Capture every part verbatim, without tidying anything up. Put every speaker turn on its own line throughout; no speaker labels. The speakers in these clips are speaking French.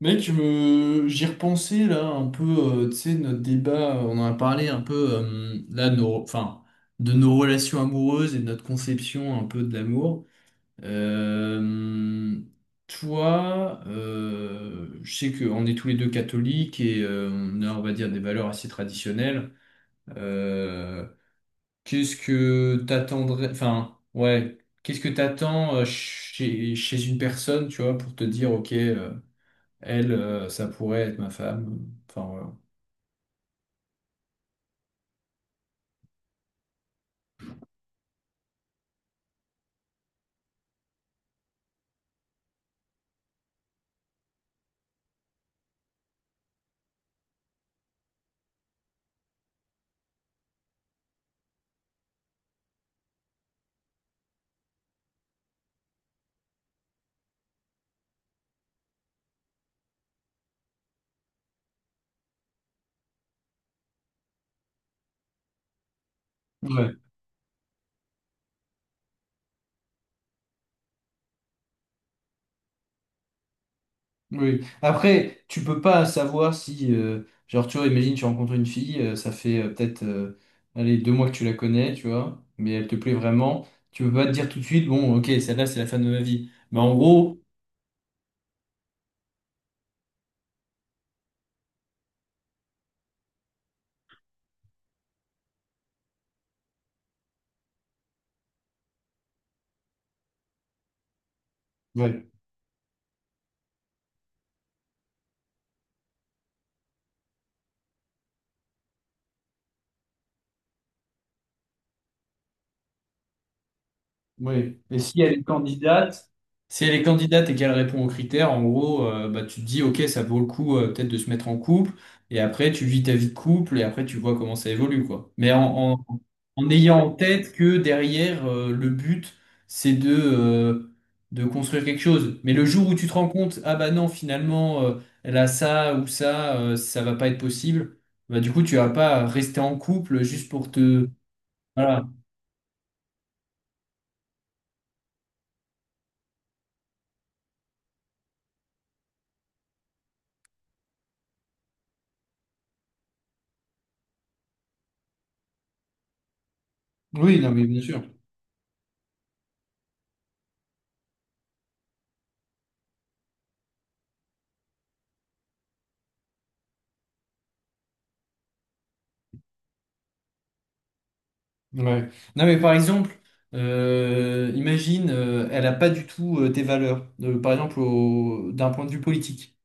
Mec, je me j'y repensais là un peu, euh, tu sais, notre débat, euh, on en a parlé un peu euh, là, de nos, enfin, de nos relations amoureuses et de notre conception un peu de l'amour. Euh, toi, euh, je sais qu'on est tous les deux catholiques et euh, on a, on va dire, des valeurs assez traditionnelles. Euh, qu'est-ce que t'attendrais, enfin, ouais, qu'est-ce que t'attends euh, chez, chez une personne, tu vois, pour te dire, ok, euh, elle, euh, ça pourrait être ma femme. Enfin, voilà. Ouais, oui. Après, tu peux pas savoir si, euh, genre, tu vois, imagine, tu rencontres une fille, euh, ça fait euh, peut-être, euh, allez, deux mois que tu la connais, tu vois, mais elle te plaît vraiment. Tu peux pas te dire tout de suite, bon, ok, celle-là, c'est la femme de ma vie. Mais en gros, oui. Et si elle est candidate, si elle est candidate et qu'elle répond aux critères, en gros, euh, bah, tu te dis, ok, ça vaut le coup euh, peut-être de se mettre en couple. Et après, tu vis ta vie de couple et après, tu vois comment ça évolue, quoi. Mais en, en, en ayant en tête que derrière, euh, le but, c'est de, euh, de construire quelque chose. Mais le jour où tu te rends compte, ah bah non, finalement, euh, elle a ça ou ça, euh, ça va pas être possible, bah du coup, tu vas pas rester en couple juste pour te... Voilà. Oui, non, mais bien sûr. Ouais. Non, mais par exemple, euh, imagine, euh, elle a pas du tout euh, tes valeurs, de- par exemple, au- d'un point de vue politique.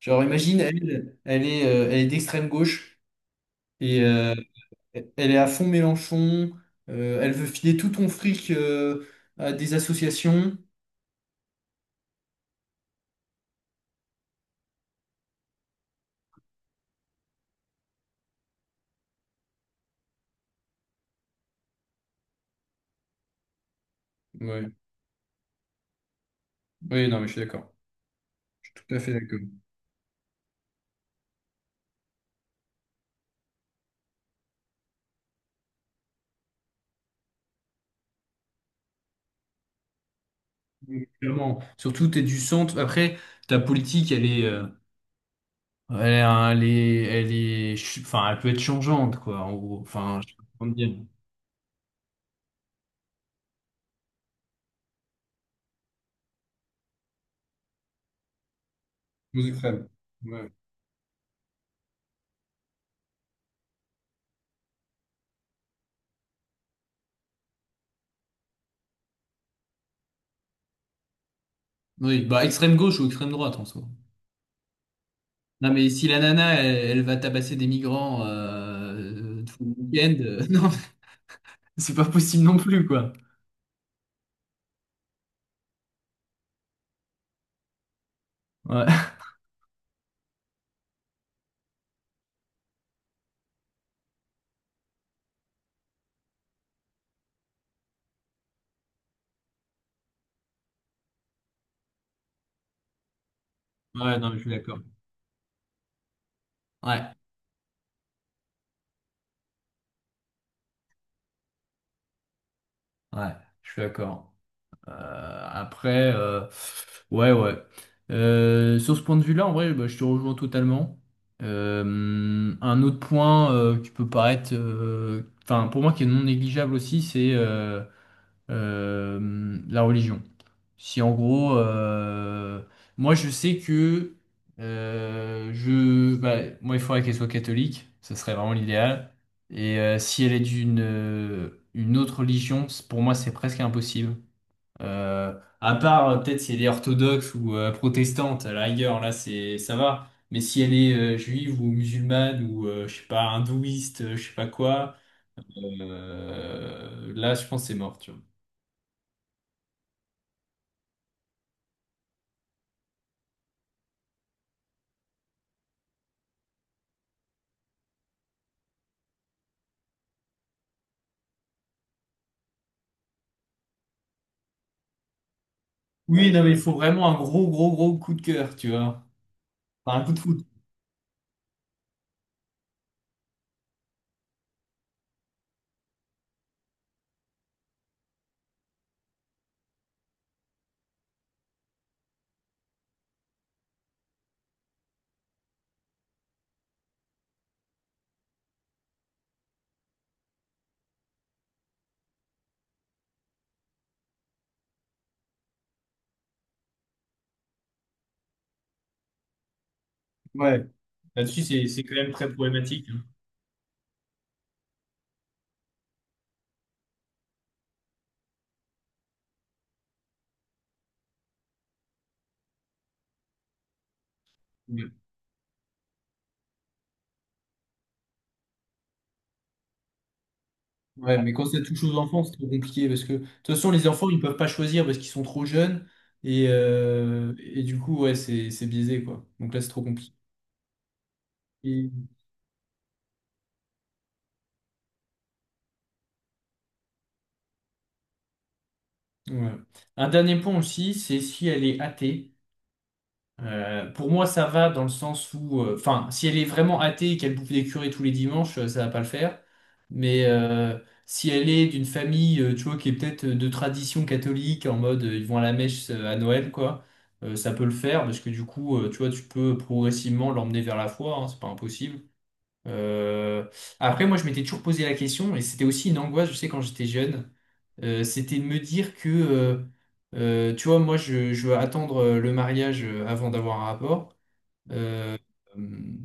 Genre, imagine, elle, elle est, euh, elle est d'extrême gauche et euh, elle est à fond Mélenchon, euh, elle veut filer tout ton fric euh, à des associations. Ouais. Oui, non, mais je suis d'accord. Tout à fait d'accord. Oui, clairement. Surtout, tu es du centre. Après, ta politique, elle est. euh, Elle est, elle est, elle est, ch- enfin, elle peut être changeante, quoi, en gros. Enfin, je sais pas comment dire. Deux extrêmes. Ouais. Oui, bah extrême gauche ou extrême droite en soi. Non mais si la nana elle, elle va tabasser des migrants euh, tout le week-end, euh, non, c'est pas possible non plus quoi. Ouais. Ouais, non, mais je suis d'accord. Ouais, ouais, je suis d'accord. Euh, après, euh, ouais, ouais. Euh, sur ce point de vue-là, en vrai, bah, je te rejoins totalement. Euh, un autre point euh, qui peut paraître, euh, enfin, pour moi, qui est non négligeable aussi, c'est euh, euh, la religion. Si en gros, euh, moi je sais que euh, je, bah, moi il faudrait qu'elle soit catholique, ce serait vraiment l'idéal. Et euh, si elle est d'une euh, une autre religion, c- pour moi c'est presque impossible. Euh, à part euh, peut-être si elle est orthodoxe ou euh, protestante, à la rigueur, là c'est ça va. Mais si elle est euh, juive ou musulmane ou euh, je sais pas hindouiste, euh, je sais pas quoi, euh, là je pense que c'est mort, tu vois. Oui, non, mais il faut vraiment un gros, gros, gros coup de cœur, tu vois. Enfin, un coup de foot. Ouais. Là-dessus, c'est, c'est quand même très problématique, hein. Ouais, ouais, mais quand ça touche aux enfants, c'est trop compliqué parce que, de toute façon, les enfants, ils peuvent pas choisir parce qu'ils sont trop jeunes. Et, euh, et du coup, ouais, c'est, c'est biaisé, quoi. Donc là, c'est trop compliqué. Et- ouais. Un dernier point aussi, c'est si elle est athée. Euh, pour moi, ça va dans le sens où, euh, enfin, si elle est vraiment athée et qu'elle bouffe des curés tous les dimanches, euh, ça va pas le faire. Mais euh, si elle est d'une famille, euh, tu vois, qui est peut-être euh, de tradition catholique, en mode euh, ils vont à la mèche euh, à Noël, quoi, euh, ça peut le faire parce que du coup, euh, tu vois, tu peux progressivement l'emmener vers la foi, hein, c'est pas impossible. Euh, Après, moi, je m'étais toujours posé la question et c'était aussi une angoisse, je sais, quand j'étais jeune. Euh, c'était de me dire que, euh, euh, tu vois, moi, je, je veux attendre euh, le mariage euh, avant d'avoir un rapport. Euh, hum,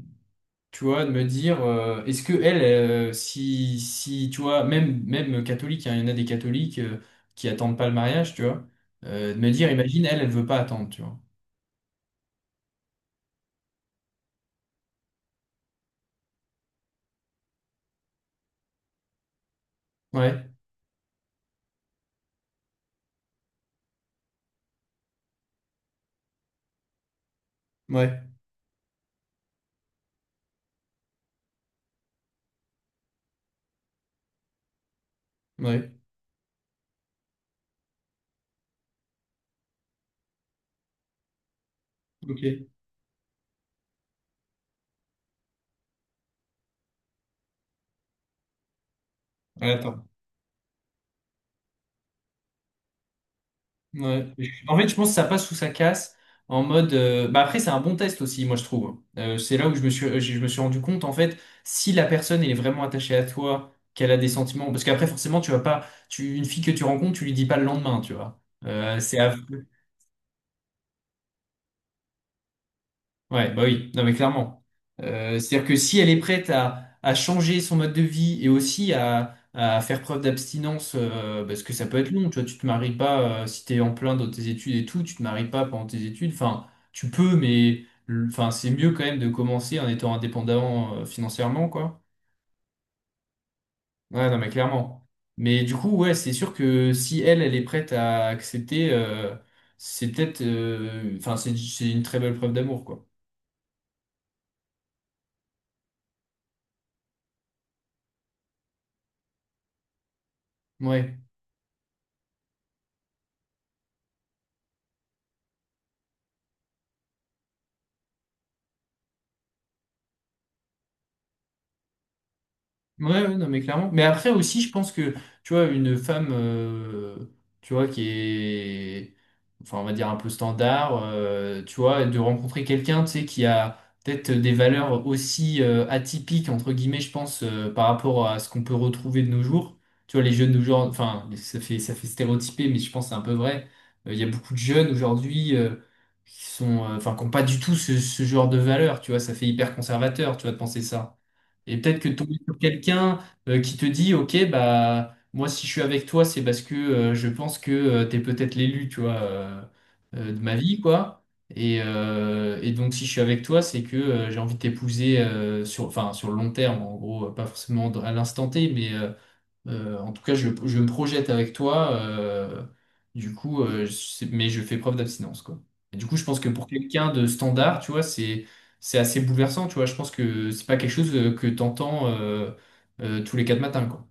tu vois, de me dire, euh, est-ce que elle, euh, si, si, tu vois, même, même catholique, hein, il y en a des catholiques euh, qui attendent pas le mariage, tu vois, euh, de me dire, imagine, elle, elle veut pas attendre, tu vois. Ouais, ouais, ouais, ok. Elle attend. Ouais. En fait, je pense que ça passe ou ça casse en mode. euh, Bah après, c'est un bon test aussi, moi je trouve. Euh, c'est là où je me suis, je me suis rendu compte en fait si la personne elle est vraiment attachée à toi, qu'elle a des sentiments. Parce qu'après, forcément, tu vas pas, tu une fille que tu rencontres, tu lui dis pas le lendemain, tu vois. Euh, c'est av- Ouais, bah oui, non mais clairement. Euh, c'est-à-dire que si elle est prête à, à changer son mode de vie et aussi à, à faire preuve d'abstinence, euh, bah, parce que ça peut être long, tu vois, tu te maries pas euh, si t'es en plein dans tes études et tout, tu te maries pas pendant tes études, enfin, tu peux, mais le- enfin, c'est mieux quand même de commencer en étant indépendant euh, financièrement, quoi. Ouais, non mais clairement. Mais du coup, ouais, c'est sûr que si elle, elle est prête à accepter, euh, c'est peut-être, euh, enfin, c'est c'est une très belle preuve d'amour, quoi. Ouais. Ouais, ouais, non, mais clairement. Mais après aussi, je pense que, tu vois, une femme, euh, tu vois, qui est, enfin, on va dire un peu standard, euh, tu vois, de rencontrer quelqu'un, tu sais, qui a peut-être des valeurs aussi euh, atypiques, entre guillemets, je pense, euh, par rapport à ce qu'on peut retrouver de nos jours. Tu vois, les jeunes d'aujourd'hui, enfin, ça fait, ça fait stéréotyper, mais je pense que c'est un peu vrai. Euh, Il y a beaucoup de jeunes aujourd'hui euh, qui sont, euh, enfin, qui n'ont pas du tout ce, ce genre de valeurs, tu vois, ça fait hyper conservateur, tu vois, de penser ça. Et peut-être que tomber sur quelqu'un euh, qui te dit, OK, bah moi si je suis avec toi, c'est parce que euh, je pense que euh, t'es peut-être l'élu, tu vois, euh, euh, de ma vie, quoi. Et, euh, et donc si je suis avec toi, c'est que euh, j'ai envie de t'épouser euh, sur, enfin, sur le long terme, en gros, pas forcément à l'instant T, mais euh, euh, en tout cas, je, je me projette avec toi. Euh, du coup, euh, je sais- mais je fais preuve d'abstinence, quoi. Et du coup, je pense que pour quelqu'un de standard, tu vois, c'est c'est assez bouleversant, tu vois. Je pense que c'est pas quelque chose euh, que t'entends euh, euh, tous les quatre matins, quoi.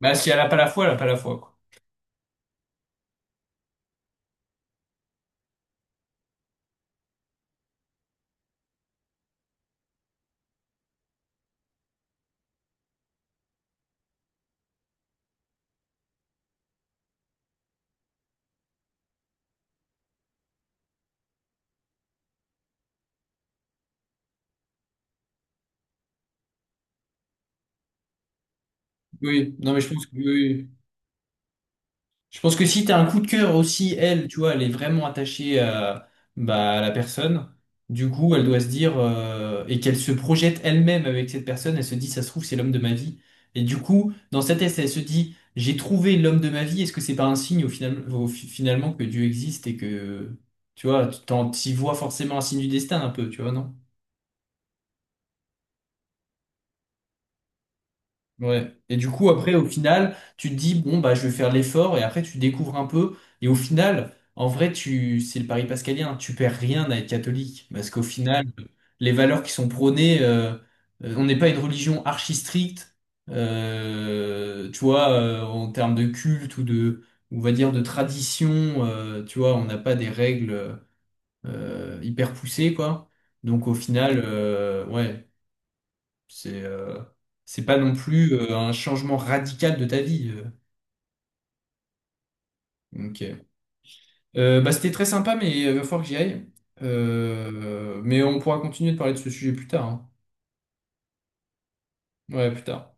Bah, si elle a pas la foi, elle a pas la foi, quoi. Oui, non, mais je pense que oui. Oui. Je pense que si t'as un coup de cœur aussi, elle, tu vois, elle est vraiment attachée à, bah, à la personne. Du coup, elle doit se dire, euh, et qu'elle se projette elle-même avec cette personne, elle se dit, ça se trouve, c'est l'homme de ma vie. Et du coup, dans sa tête, elle se dit, j'ai trouvé l'homme de ma vie, est-ce que c'est pas un signe au final, au fi- finalement que Dieu existe et que, tu vois, tu t'en- t'y vois forcément un signe du destin un peu, tu vois, non? Ouais. Et du coup, après, au final, tu te dis, bon, bah, je vais faire l'effort, et après, tu découvres un peu. Et au final, en vrai, tu, c'est le pari pascalien, tu perds rien à être catholique. Parce qu'au final, les valeurs qui sont prônées, euh, euh, on n'est pas une religion archi stricte, euh, tu vois, euh, en termes de culte ou de, on va dire, de tradition, euh, tu vois, on n'a pas des règles, euh, hyper poussées, quoi. Donc, au final, euh, ouais. C'est euh, c'est pas non plus euh, un changement radical de ta vie. euh. Ok. Euh, bah, c'était très sympa, mais il va falloir que j'y aille. Euh, mais on pourra continuer de parler de ce sujet plus tard, hein. Ouais, plus tard.